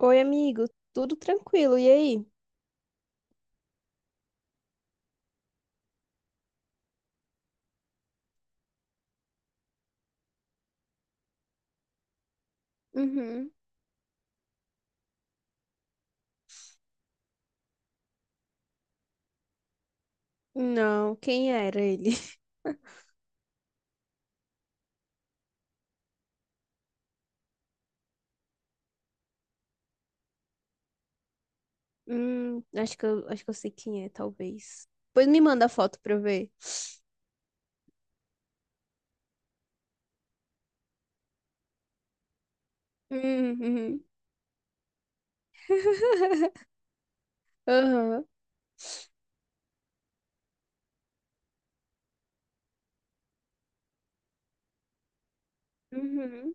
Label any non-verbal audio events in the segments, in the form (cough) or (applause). Oi, amigo, tudo tranquilo, e aí? Uhum. Não, quem era ele? (laughs) Acho que eu sei quem é, talvez. Pois me manda a foto pra eu ver. Uhum. Aham. Uhum.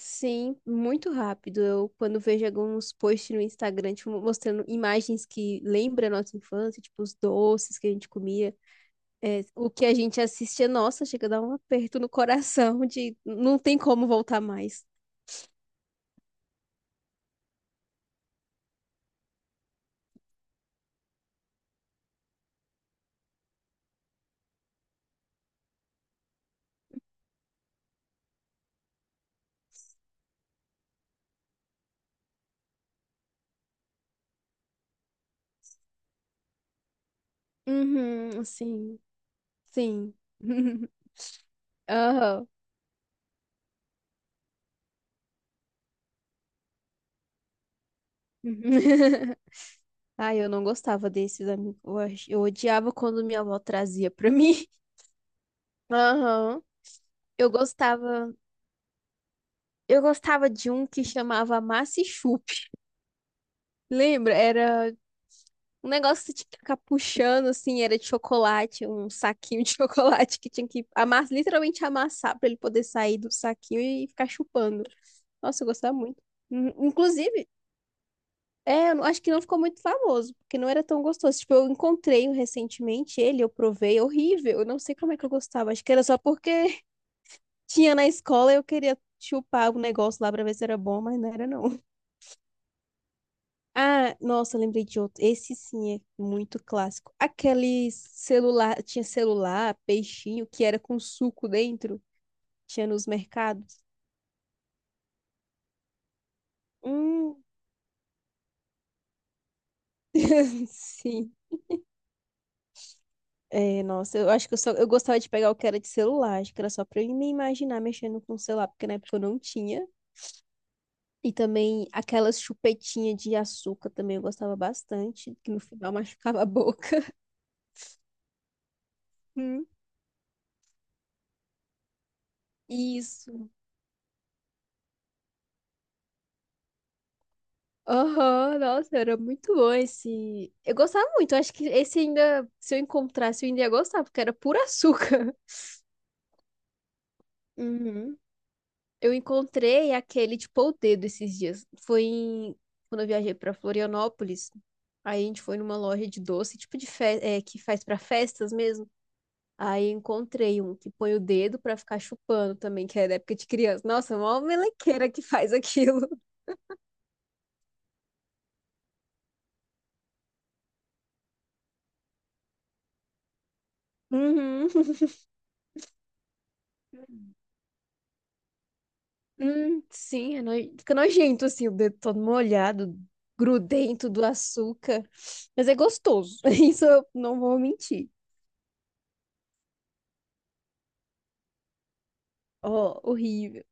Sim, muito rápido. Eu, quando vejo alguns posts no Instagram, tipo, mostrando imagens que lembram a nossa infância, tipo, os doces que a gente comia, é, o que a gente assistia, nossa, chega a dar um aperto no coração de não tem como voltar mais. Uhum. Sim. Sim. (laughs) Aham. (laughs) Ai, eu não gostava desses amigos. Eu odiava quando minha avó trazia pra mim. (laughs) Aham. Eu gostava, eu gostava de um que chamava Massa e Chup. Lembra? Era um negócio que você tinha que ficar puxando assim, era de chocolate, um saquinho de (laughs) chocolate que tinha que amassar, literalmente amassar pra ele poder sair do saquinho e ficar chupando. Nossa, eu gostava muito. Inclusive, é, eu não- acho que não ficou muito famoso, porque não era tão gostoso. Tipo, eu encontrei um recentemente ele, eu provei, é horrível. Eu não sei como é que eu gostava. Acho que era só porque (laughs) tinha na escola e eu queria chupar o negócio lá pra ver se era bom, mas não era não. Ah, nossa, lembrei de outro. Esse sim é muito clássico. Aquele celular, tinha celular, peixinho, que era com suco dentro, tinha nos mercados. Hum, (laughs) sim. É, nossa, eu acho que eu gostava de pegar o que era de celular, acho que era só pra eu me imaginar mexendo com o celular, porque na época eu não tinha. E também aquelas chupetinhas de açúcar também eu gostava bastante, que no final (laughs) machucava a boca. (laughs) Hum. Isso. Aham, nossa, era muito bom esse. Eu gostava muito, eu acho que esse ainda, se eu encontrasse, eu ainda ia gostar, porque era puro açúcar. (laughs) Uhum. Eu encontrei aquele, tipo, o dedo esses dias. Quando eu viajei pra Florianópolis. Aí a gente foi numa loja de doce, é, que faz pra festas mesmo. Aí encontrei um que põe o dedo pra ficar chupando também, que é da época de criança. Nossa, mó melequeira que faz aquilo. (laughs) Uhum. Sim, fica nojento assim, o dedo todo molhado, grudento do açúcar. Mas é gostoso. (laughs) Isso eu não vou mentir. Ó, horrível.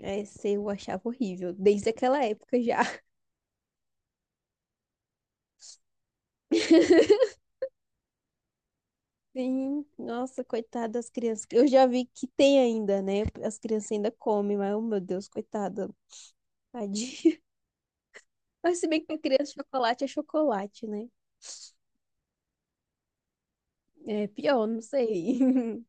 Esse eu achava horrível, desde aquela época já. (laughs) Sim, nossa, coitada das crianças. Eu já vi que tem ainda, né? As crianças ainda comem, mas, oh, meu Deus, coitada, tadinha. (laughs) Mas se bem que pra criança chocolate é chocolate, né? É pior, não sei. (laughs)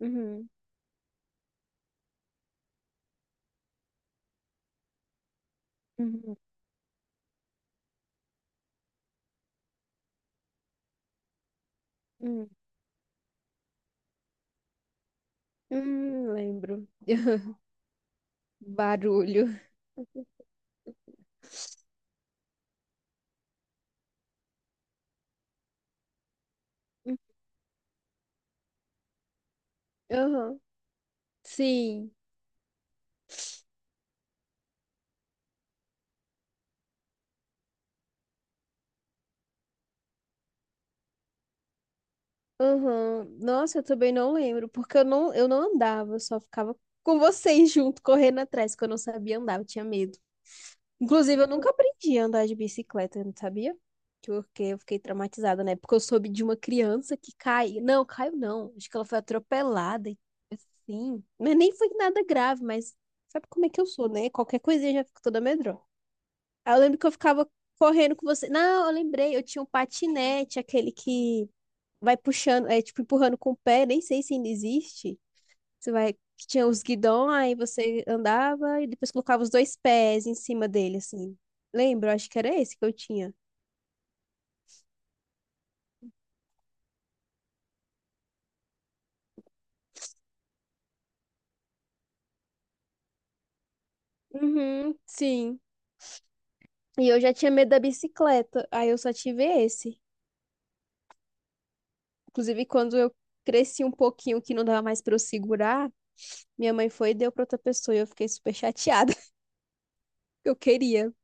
Uhum, uhum, uhum. Lembro. (laughs) Barulho. Uhum. Sim. Aham. Nossa, eu também não lembro, porque eu não andava, eu só ficava com vocês (laughs) junto, correndo atrás, porque eu não sabia andar, eu tinha medo. Inclusive, eu nunca aprendi a andar de bicicleta, não sabia? Porque eu fiquei traumatizada, né? Porque eu soube de uma criança que cai. Não, caiu não. Acho que ela foi atropelada e assim. Mas nem foi nada grave, mas sabe como é que eu sou, né? Qualquer coisinha eu já fico toda medrosa. Aí eu lembro que eu ficava correndo com você. Não, eu lembrei, eu tinha um patinete, aquele que vai puxando, é tipo empurrando com o pé, nem sei se ainda existe. Você vai, que tinha os guidões, aí você andava e depois colocava os dois pés em cima dele, assim. Lembro, acho que era esse que eu tinha. Uhum, sim. E eu já tinha medo da bicicleta, aí eu só tive esse. Inclusive, quando eu cresci um pouquinho, que não dava mais pra eu segurar, minha mãe foi e deu pra outra pessoa, e eu fiquei super chateada, (laughs) porque eu queria.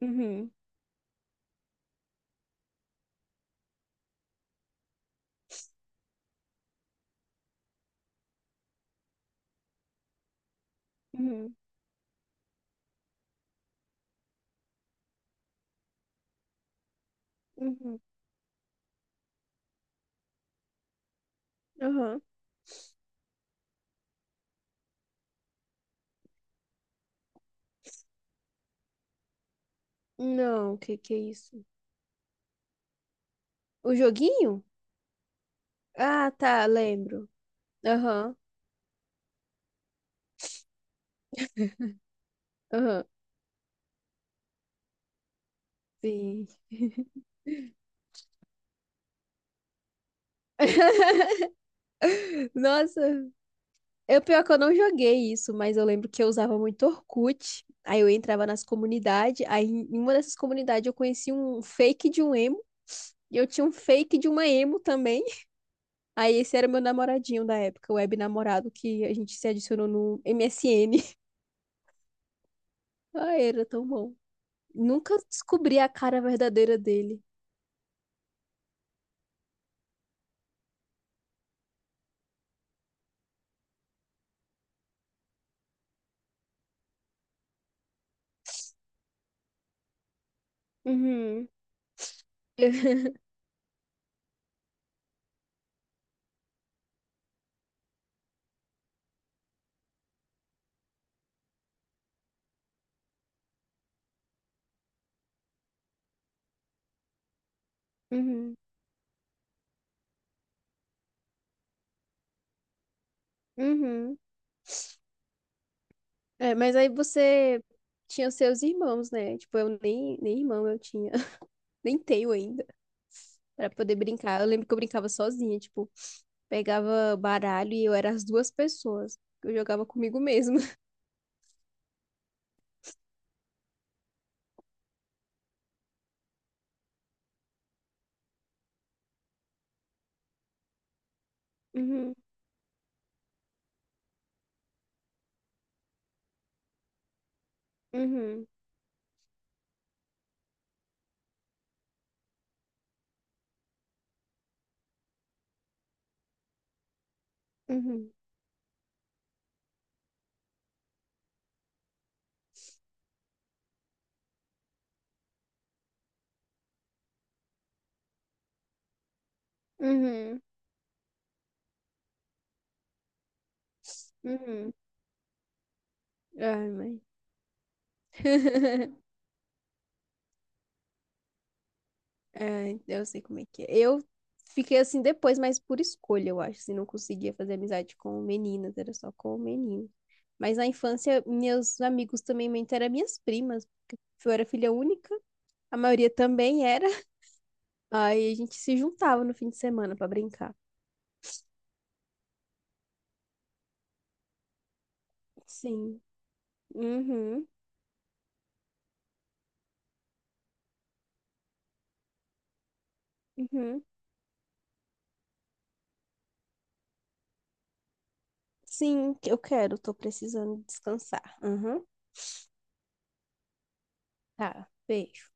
Uhum, uhum, uhum, aham. Não, o que que é isso? O joguinho? Ah, tá, lembro. Aham, aham, sim. (laughs) Nossa, eu pior que eu não joguei isso, mas eu lembro que eu usava muito Orkut. Aí eu entrava nas comunidades, aí em uma dessas comunidades eu conheci um fake de um emo, e eu tinha um fake de uma emo também. Aí esse era meu namoradinho da época, o web namorado que a gente se adicionou no MSN. (laughs) Ai, era tão bom. Nunca descobri a cara verdadeira dele. Uhum, (laughs) uhum, uhum. É, mas aí você tinha os seus irmãos, né? Tipo, eu nem, nem irmão eu tinha. (laughs) Nem tenho ainda, pra poder brincar. Eu lembro que eu brincava sozinha, tipo, pegava baralho e eu era as duas pessoas. Eu jogava comigo mesma. (laughs) Uhum, uhum, uhum, uhum, uhum. Ai, mãe. (laughs) É, eu sei como é que é. Eu fiquei assim depois, mas por escolha, eu acho. Assim, não conseguia fazer amizade com meninas, era só com meninos. Mas na infância, meus amigos também muito eram minhas primas. Eu era filha única, a maioria também era. (laughs) Aí a gente se juntava no fim de semana pra brincar. Sim. Uhum. Uhum. Sim, eu quero, tô precisando descansar. Uhum. Tá, beijo.